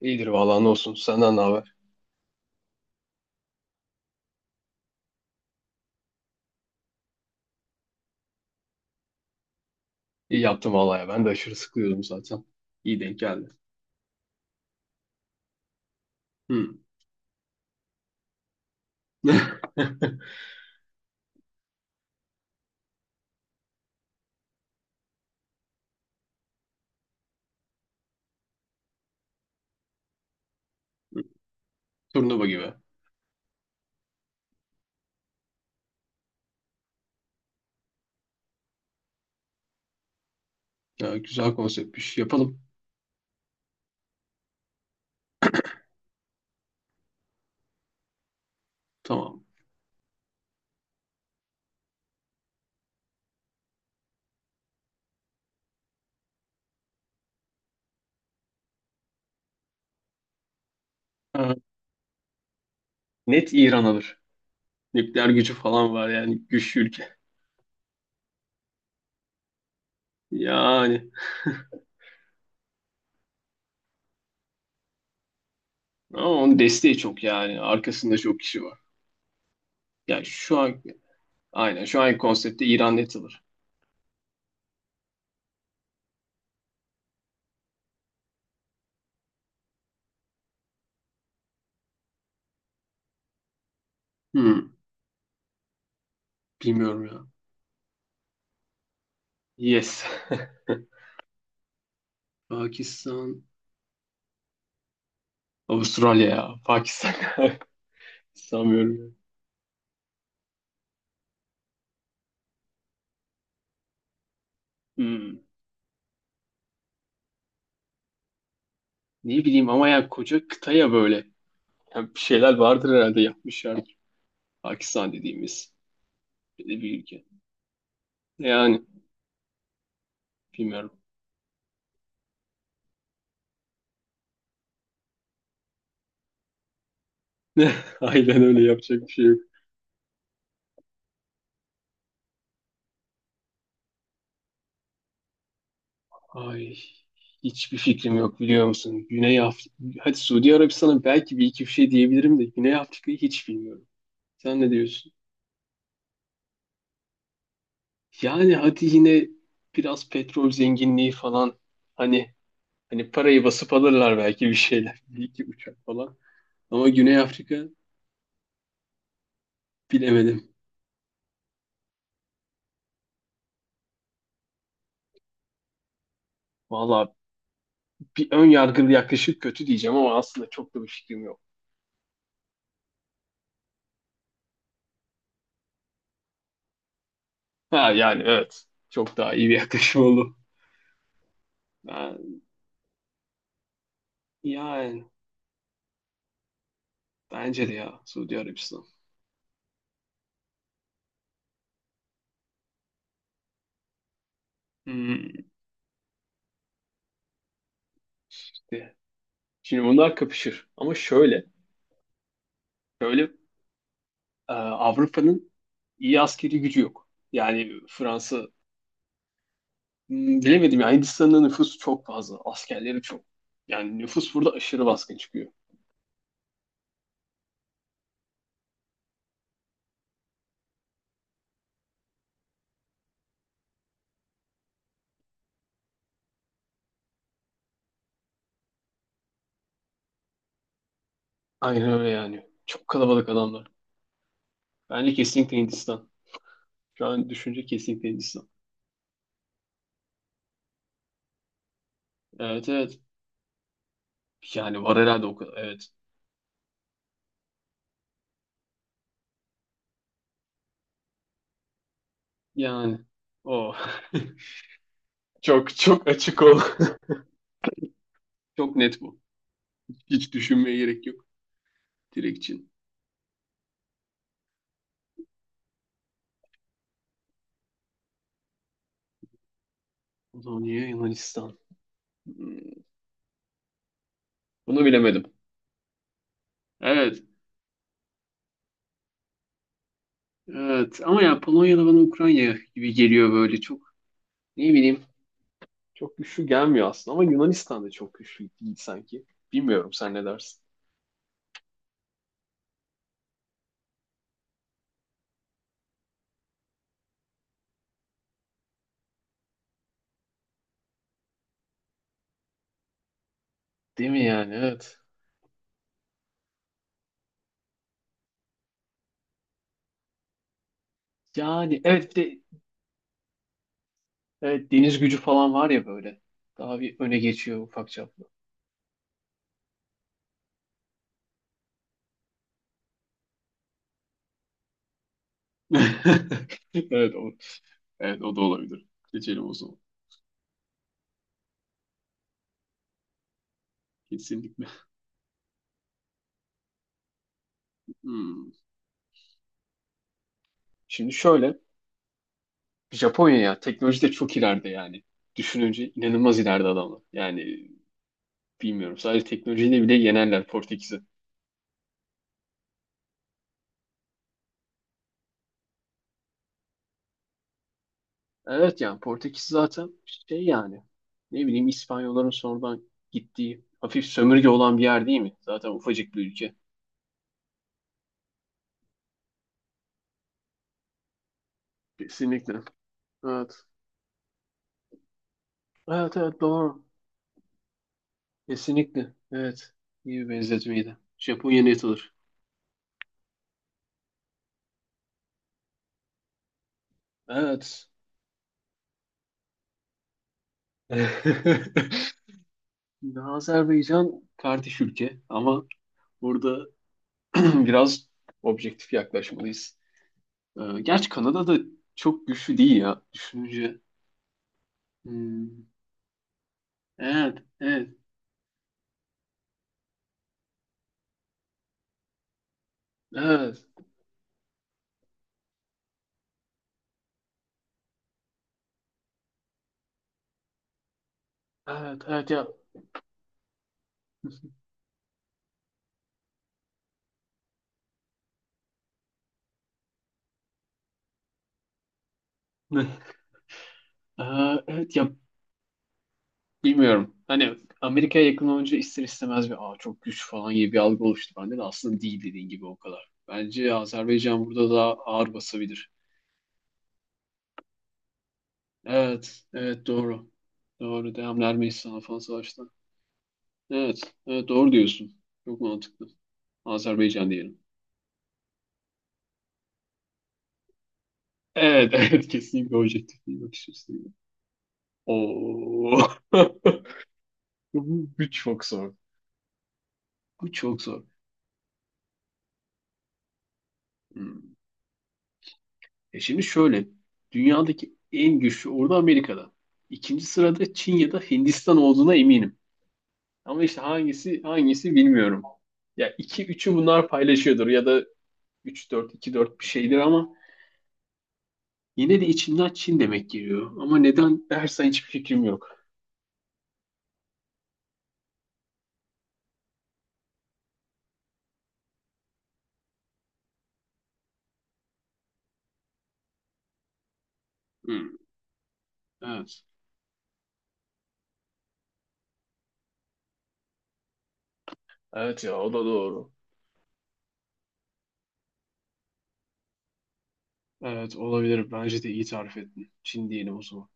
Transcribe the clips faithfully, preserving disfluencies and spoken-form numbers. İyidir vallahi ne olsun. Senden ne haber? İyi yaptın vallahi ya. Ben de aşırı sıkılıyordum zaten. İyi denk geldi. Hmm. Turnuva gibi. Ya, güzel konseptmiş. Yapalım. Tamam. Ha, net İran alır. Nükleer gücü falan var yani. Güçlü ülke. Yani. Ama onun desteği çok yani. Arkasında çok kişi var. Yani şu an aynen şu anki konseptte İran net alır. Hmm. Bilmiyorum ya. Yes. Pakistan. Avustralya ya. Pakistan. Sanmıyorum ya. Hmm. Ne bileyim ama yani koca kıta ya böyle. Yani bir şeyler vardır herhalde yapmışlardır. Pakistan dediğimiz böyle bir ülke. Yani bilmiyorum. Aynen öyle, yapacak bir şey yok. Ay, hiçbir fikrim yok biliyor musun? Güney Afrika, hadi Suudi Arabistan'a belki bir iki bir şey diyebilirim de Güney Afrika'yı hiç bilmiyorum. Sen ne diyorsun? Yani hadi yine biraz petrol zenginliği falan hani hani parayı basıp alırlar belki bir şeyler. Bir iki uçak falan. Ama Güney Afrika bilemedim. Vallahi bir ön yargılı yaklaşım kötü diyeceğim ama aslında çok da bir fikrim yok. Ha yani evet. Çok daha iyi bir yaklaşım oldu. Ben, yani bence de ya Suudi Arabistan. Hmm, işte. Şimdi bunlar kapışır. Ama şöyle. Şöyle, e, Avrupa'nın iyi askeri gücü yok. Yani Fransa, hmm, bilemedim ya, Hindistan'ın nüfusu çok fazla. Askerleri çok. Yani nüfus burada aşırı baskın çıkıyor. Aynen öyle yani. Çok kalabalık adamlar. Bence kesinlikle Hindistan. Şu an düşünce kesinlikle Hindistan. Evet, evet. Yani var herhalde o kadar. Evet. Yani o çok çok açık ol. Çok net bu. Hiç düşünmeye gerek yok. Direkt Çin. Polonya, Yunanistan. Hmm. Bunu bilemedim. Evet. Evet. Ama ya, Polonya'da bana Ukrayna gibi geliyor böyle. Çok, ne bileyim. Çok güçlü gelmiyor aslında ama Yunanistan da çok güçlü değil sanki. Bilmiyorum, sen ne dersin? Değil mi yani? Evet. Yani evet, bir de evet, deniz gücü falan var ya böyle. Daha bir öne geçiyor ufak çaplı. Evet o. Evet, o da olabilir. Seçelim o. Kesinlikle. Hmm. Şimdi şöyle. Japonya ya teknolojide çok ileride yani. Düşününce inanılmaz ileride adamlar. Yani bilmiyorum. Sadece teknolojiyle bile yenerler Portekiz'i. Evet yani, Portekiz zaten şey yani. Ne bileyim, İspanyolların sonradan gittiği hafif sömürge olan bir yer değil mi? Zaten ufacık bir ülke. Kesinlikle. Evet. Evet, evet, doğru. Kesinlikle. Evet. İyi bir benzetmeydi. Japonya net olur. Evet. Şimdi Azerbaycan kardeş ülke ama burada biraz objektif yaklaşmalıyız. Ee, gerçi Kanada da çok güçlü değil ya düşününce. Hmm, evet, evet, evet, evet, evet ya. Ee, evet ya, bilmiyorum. Hani Amerika'ya yakın olunca ister istemez bir, aa, çok güç falan gibi bir algı oluştu bende de, aslında değil dediğin gibi o kadar. Bence Azerbaycan burada daha ağır basabilir. Evet, evet, doğru. Doğru. Devamlı Ermenistan'a falan savaştı. Evet, evet, doğru diyorsun. Çok mantıklı. Azerbaycan diyelim. Evet, evet, kesinlikle objektif bir bakış açısıyla. Oo. Bu, bu çok zor. Bu çok zor. Hmm. E şimdi şöyle. Dünyadaki en güçlü ordu Amerika'da. İkinci sırada Çin ya da Hindistan olduğuna eminim. Ama işte hangisi hangisi bilmiyorum. Ya iki üçü bunlar paylaşıyordur ya da üç dört iki dört bir şeydir ama yine de içimden Çin demek geliyor. Ama neden dersen hiçbir fikrim yok. Hmm, evet. Evet ya, o da doğru. Evet, olabilir. Bence de iyi tarif ettin. Çin diyelim o zaman.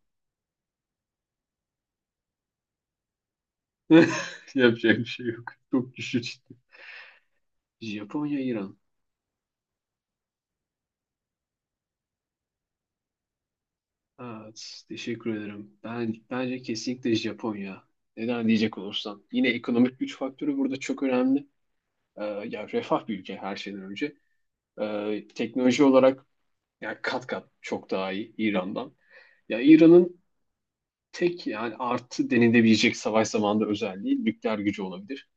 Yapacak bir şey yok. Çok güçlü Çin. Japonya, İran. Evet, teşekkür ederim. Ben bence kesinlikle Japonya. Neden diyecek olursam, yine ekonomik güç faktörü burada çok önemli. Ee, ya refah bir ülke her şeyden önce. Ee, teknoloji olarak ya kat kat çok daha iyi İran'dan. Ya İran'ın tek yani artı denilebilecek savaş zamanında özelliği nükleer gücü olabilir.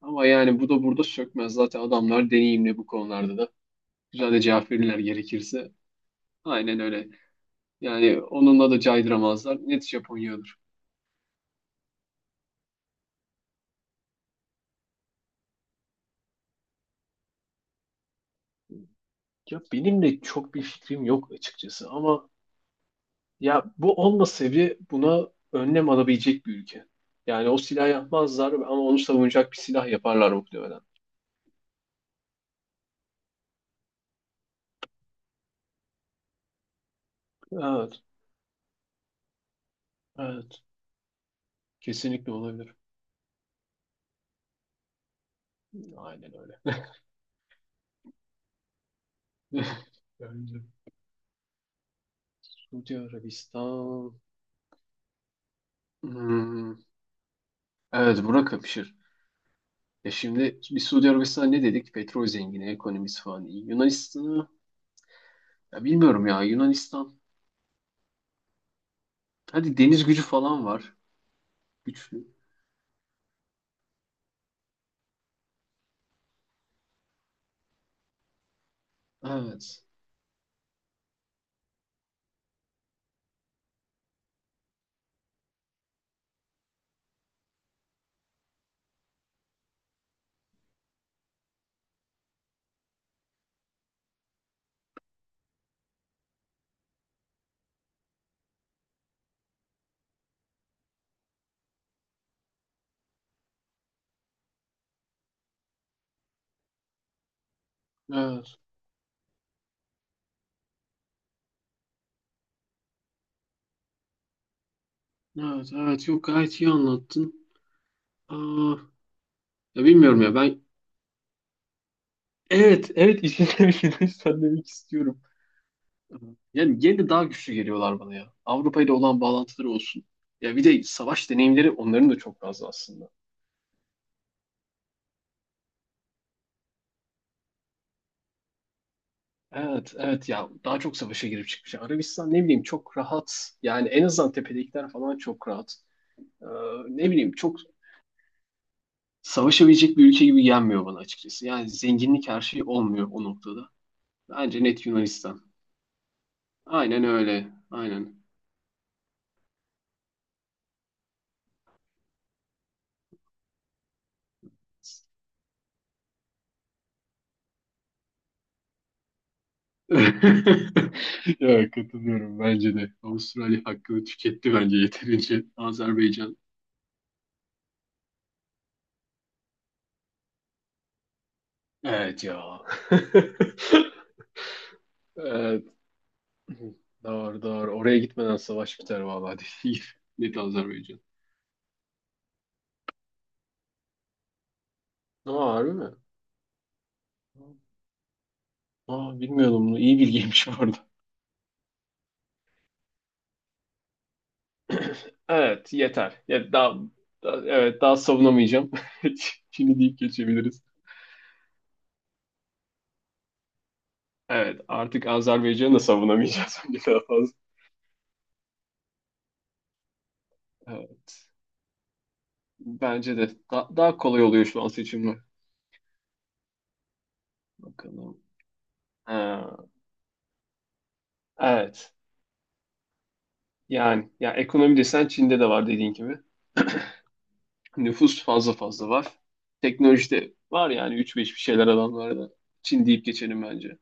Ama yani bu da burada sökmez. Zaten adamlar deneyimli bu konularda da. Güzel de cevap verirler gerekirse. Aynen öyle. Yani onunla da caydıramazlar. Net Japonya olur. Ya benim de çok bir fikrim yok açıkçası ama ya bu olmasa bile buna önlem alabilecek bir ülke. Yani o silah yapmazlar ama onu savunacak bir silah yaparlar muhtemelen. Evet, evet. Kesinlikle olabilir. Aynen öyle. Bence Suudi Arabistan. Hmm. Evet, bura kapışır. E şimdi bir Suudi Arabistan'a ne dedik? Petrol zengini, ekonomisi falan iyi. Yunanistan'ı, ya bilmiyorum ya, Yunanistan. Hadi deniz gücü falan var. Güçlü. Evet. Evet. Evet. Evet. Yok, gayet iyi anlattın. Aa, ya bilmiyorum ya ben, evet evet işine Yunanistan demek istiyorum. Yani yine de daha güçlü geliyorlar bana ya. Avrupa ile olan bağlantıları olsun. Ya bir de savaş deneyimleri onların da çok fazla aslında. Evet, evet ya, daha çok savaşa girip çıkmış. Arabistan, ne bileyim, çok rahat. Yani en azından tepedekiler falan çok rahat. Ee, ne bileyim, çok savaşabilecek bir ülke gibi gelmiyor bana açıkçası. Yani zenginlik her şey olmuyor o noktada. Bence net Yunanistan. Aynen öyle. Aynen. Ya, katılıyorum bence de. Avustralya hakkını tüketti bence yeterince. Azerbaycan. Evet ya. Evet, doğru doğru. Oraya gitmeden savaş biter vallahi, değil. Net Azerbaycan. Aa, harbi mi? Aa, bilmiyordum bunu. İyi bilgiymiş bu arada. Evet, yeter. Ya, daha, daha- evet, daha savunamayacağım. Çin'i deyip geçebiliriz. Evet, artık Azerbaycan'ı da savunamayacağız bence daha fazla. Evet. Bence de da- daha kolay oluyor şu an seçimler. Bakalım. Ha, evet. Yani ya ekonomi desen Çin'de de var dediğin gibi. Nüfus fazla fazla var. Teknolojide var yani, üç beş bir şeyler adamlarda. Çin deyip geçelim bence.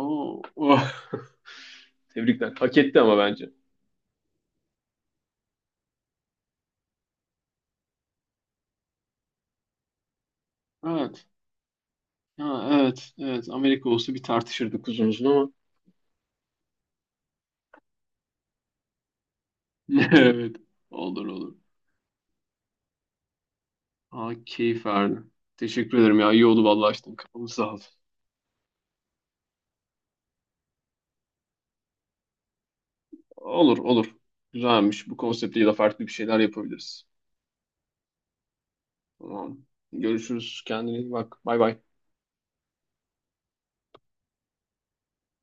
Oo, oh. Tebrikler. Hak etti ama bence. Evet. Ha, evet. Evet. Amerika olsa bir tartışırdık uzun uzun ama. Evet. Olur olur. Aa, keyif verdi. Teşekkür ederim ya. İyi oldu vallahi, açtın kafamı, sağ ol. Olur olur. Güzelmiş. Bu konseptle de farklı bir şeyler yapabiliriz. Tamam. Görüşürüz. Kendine iyi bak. Bay bay.